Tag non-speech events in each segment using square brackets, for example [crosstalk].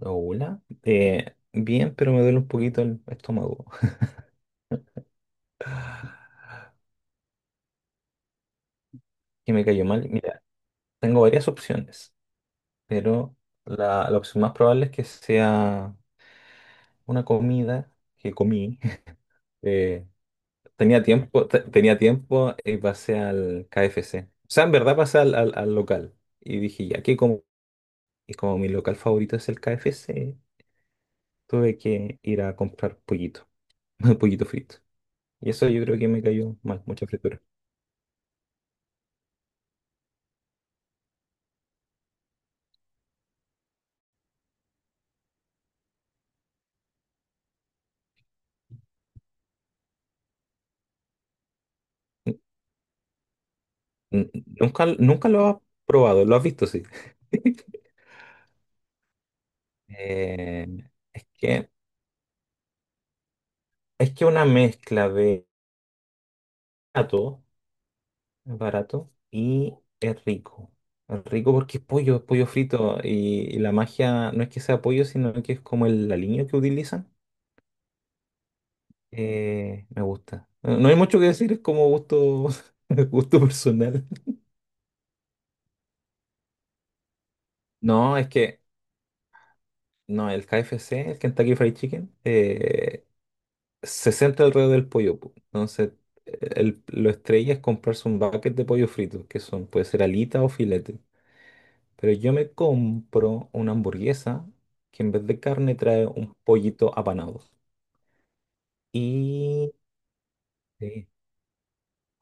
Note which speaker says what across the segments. Speaker 1: Hola. Bien, pero me duele un poquito el estómago. [sighs] Que me cayó mal. Mira, tengo varias opciones, pero la opción más probable es que sea una comida que comí. [laughs] Eh, tenía tiempo y pasé al KFC. O sea, en verdad pasé al local. Y dije, ya que como, y como mi local favorito es el KFC, tuve que ir a comprar pollito, [laughs] pollito frito. Y eso yo creo que me cayó mal, mucha fritura. N- nunca lo has probado, lo has visto, sí. [laughs] Eh, es que es que una mezcla de barato, es barato y es rico. Es rico porque es pollo frito y la magia no es que sea pollo, sino que es como el aliño que utilizan. Me gusta. No hay mucho que decir, es como gusto, [laughs] gusto personal. No, es que no, el KFC, el Kentucky Fried Chicken, se centra alrededor del pollo, po. Entonces, lo estrella es comprarse un bucket de pollo frito, que son, puede ser alita o filete. Pero yo me compro una hamburguesa que en vez de carne trae un pollito apanado. Y sí,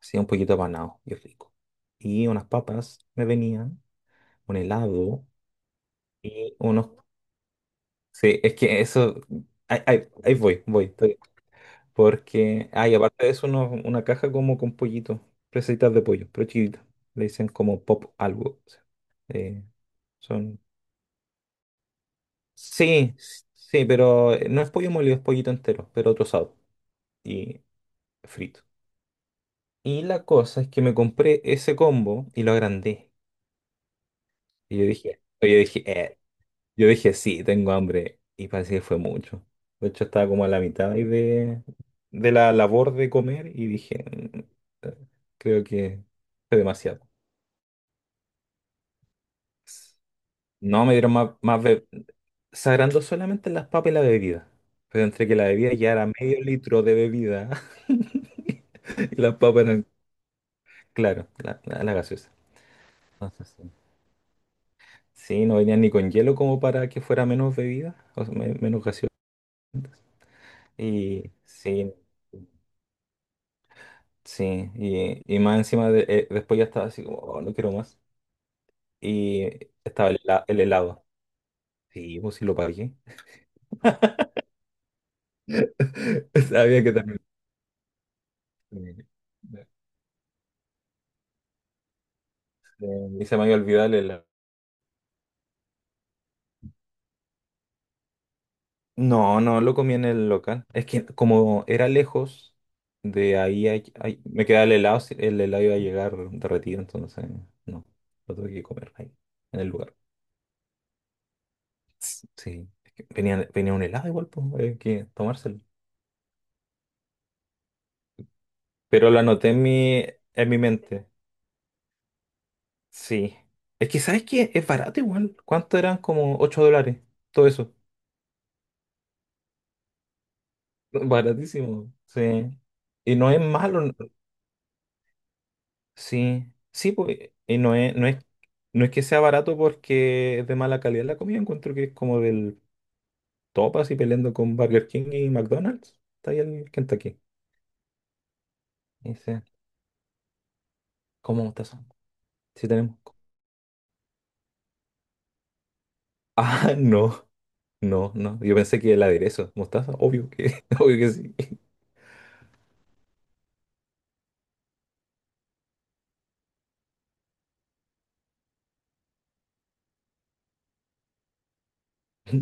Speaker 1: sí, un pollito apanado y rico. Y unas papas me venían, un helado y unos. Sí, es que eso. Ahí voy, voy. Porque, y aparte de eso, una caja como con pollito, presitas de pollo, pero chiquita. Le dicen como pop algo, o sea, eh, son. Sí, pero no es pollo molido, es pollito entero, pero trozado y frito. Y la cosa es que me compré ese combo y lo agrandé. Y yo dije, Sí, tengo hambre." Y parece que fue mucho. De hecho, estaba como a la mitad ahí de la labor de comer y dije, eh, Creo que fue demasiado." No, me dieron más se solamente las papas y la bebida. Pero entre que la bebida ya era medio litro de bebida [laughs] y las papas eran, claro, la gaseosa. Entonces, sí, sí, no venían ni con hielo como para que fuera menos bebida, o sea, menos gaseosa. Y sí. Sí, y más encima después ya estaba así como, "Oh, no quiero más." Y estaba el helado. Sí, pues sí lo pagué. [laughs] Sabía que también. Y se me había olvidado el helado. No, no, lo comí en el local. Es que como era lejos, de ahí me quedaba el helado, el helado iba a llegar derretido, entonces no, lo tuve que comer ahí, en el lugar. Sí, es que venía un helado igual, pues, hay que tomárselo. Pero lo anoté en mi mente. Sí. Es que, ¿sabes qué? Es barato igual. ¿Cuánto eran? Como $8. Todo eso. [laughs] Baratísimo. Sí. Y no es malo. Sí. Sí, pues. Y no es que sea barato porque es de mala calidad la comida. Encuentro que es como del top así peleando con Burger King y McDonald's. Está ahí el Kentucky. Dice, ¿cómo mostaza? Sí tenemos. [laughs] Ah, no. No, no. Yo pensé que el aderezo. Mostaza, obvio que, [laughs] obvio que sí. [laughs]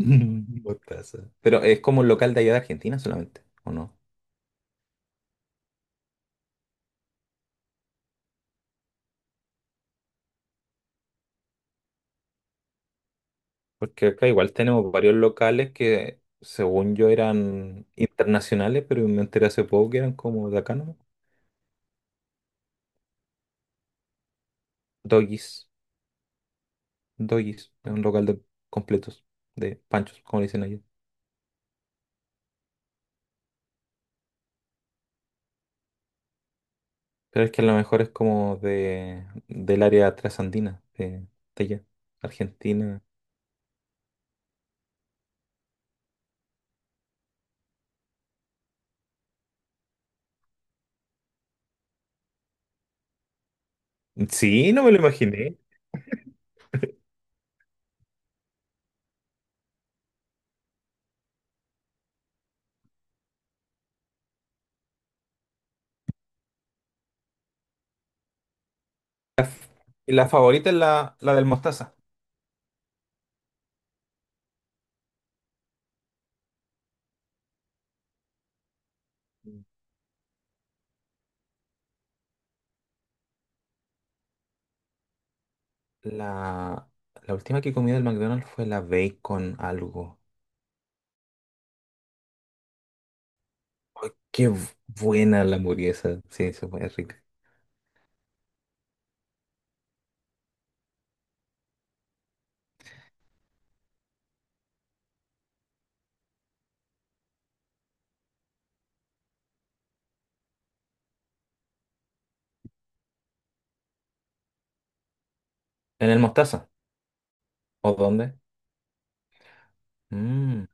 Speaker 1: Mostaza. Pero es como un local de allá de Argentina solamente, ¿o no? Porque acá igual tenemos varios locales que, según yo, eran internacionales, pero me enteré hace poco que eran como de acá, ¿no? Doggies. Doggies. Es un local de completos, de panchos, como le dicen allá. Pero es que a lo mejor es como del área trasandina, de allá, Argentina. Sí, no me lo imaginé. La, f- la favorita es la del Mostaza. La, la última que comí del McDonald's fue la bacon algo. Ay, qué buena la hamburguesa. Sí, eso fue rica. ¿En el Mostaza? ¿O dónde? Mm.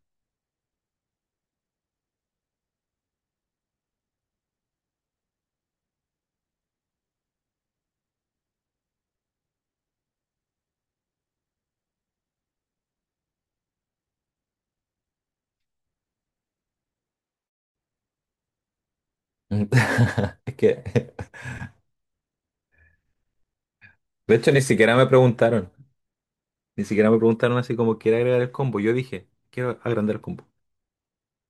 Speaker 1: [laughs] Es que, de hecho, ni siquiera me preguntaron. Ni siquiera me preguntaron así como, ¿quiere agregar el combo? Yo dije, quiero agrandar el combo.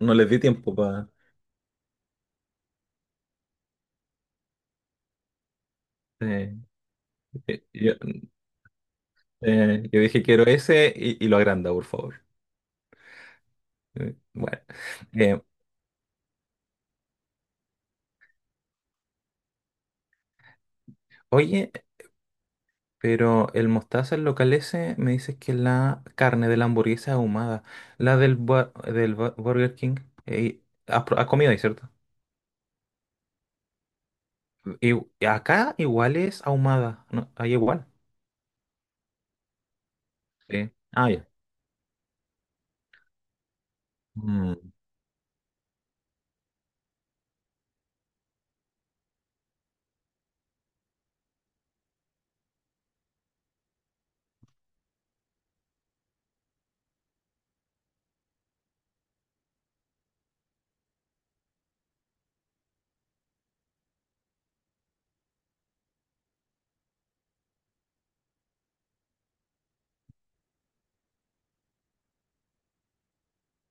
Speaker 1: No les di tiempo para. Yo, eh, yo dije, quiero ese y lo agranda, por favor. Bueno. Eh, oye. Pero el mostaza, el local ese, me dices que es la carne de la hamburguesa ahumada, la del Burger King, eh, has comido ahí, ¿cierto? Y acá igual es ahumada, ¿no? Ahí igual. Sí. Ah, ya. Mm.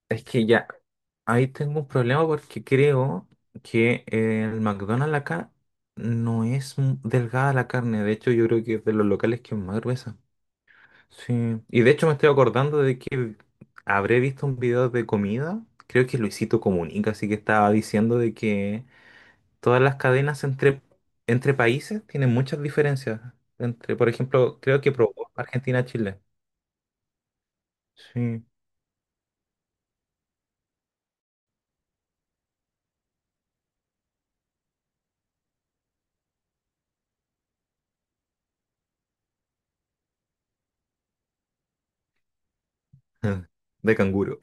Speaker 1: Es que ya, ahí tengo un problema porque creo que el McDonald's acá no es delgada la carne. De hecho, yo creo que es de los locales que es más gruesa. Sí, y de hecho me estoy acordando de que habré visto un video de comida, creo que Luisito Comunica, así que estaba diciendo de que todas las cadenas entre países tienen muchas diferencias. Entre, por ejemplo, creo que probó Argentina-Chile. Sí. [laughs] De canguro.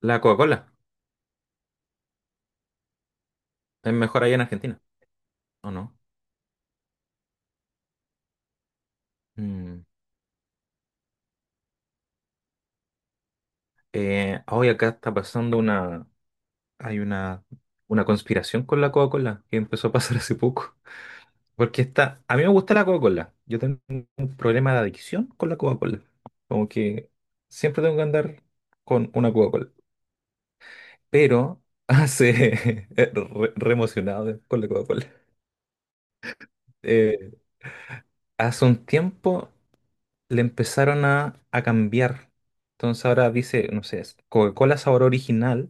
Speaker 1: La Coca-Cola es mejor allá en Argentina, ¿o no? Mm. Hoy acá está pasando hay una, una conspiración con la Coca-Cola que empezó a pasar hace poco. Porque a mí me gusta la Coca-Cola. Yo tengo problema de adicción con la Coca-Cola. Como que siempre tengo que andar con una Coca-Cola. Pero hace [laughs] re emocionado con la Coca-Cola. Eh, hace un tiempo le empezaron a cambiar. Entonces ahora dice, no sé, es Coca-Cola sabor original.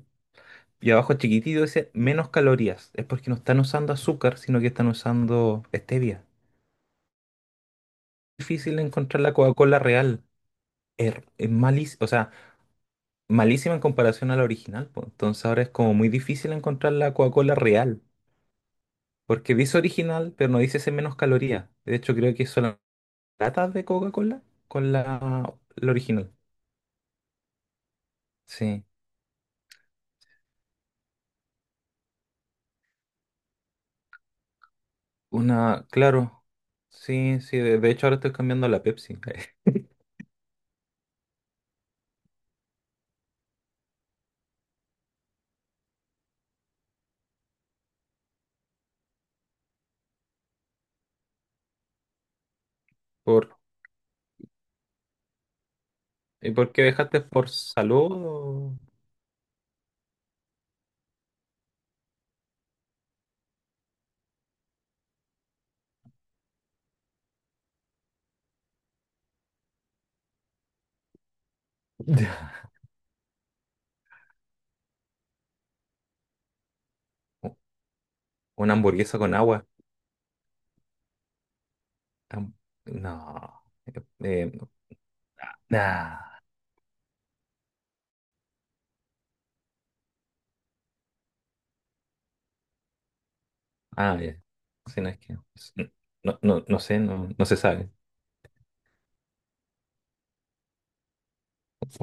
Speaker 1: Y abajo chiquitito dice menos calorías. Es porque no están usando azúcar, sino que están usando stevia. Difícil encontrar la Coca-Cola real. Es malísimo. O sea, malísima en comparación a la original, po. Entonces ahora es como muy difícil encontrar la Coca-Cola real, porque dice original, pero no dice ese menos calorías. De hecho, creo que son las latas de Coca-Cola con la original. Sí, una, claro. Sí, sí, de hecho ahora estoy cambiando a la Pepsi. [laughs] ¿Por, ¿y por qué dejaste por salud? Ya. u- una hamburguesa con agua? Am- No. Eh, nah. Ah, ah, ya. Sí, no es que. No, no, no sé, no, no se sabe.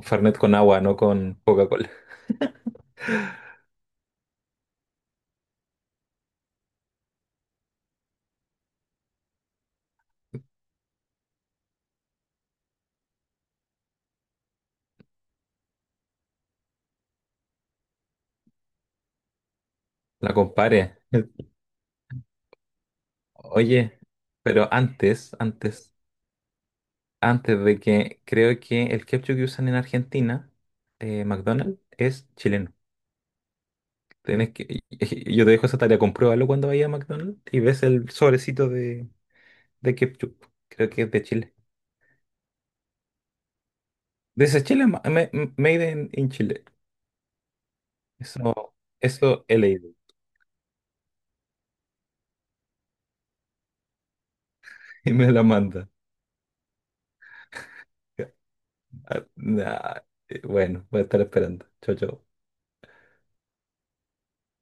Speaker 1: Fernet con agua, no con Coca-Cola. [laughs] La compare. Oye, pero antes de que creo que el ketchup que usan en Argentina, McDonald's, es chileno. Tenés que, [laughs] yo te dejo esa tarea, compruébalo cuando vayas a McDonald's y ves el sobrecito de ketchup. Creo que es de Chile. Dice Chile, made in Chile. Eso, eso he leído. [laughs] Y me la manda. Ah, nah, bueno, voy a estar esperando. Chao, chao.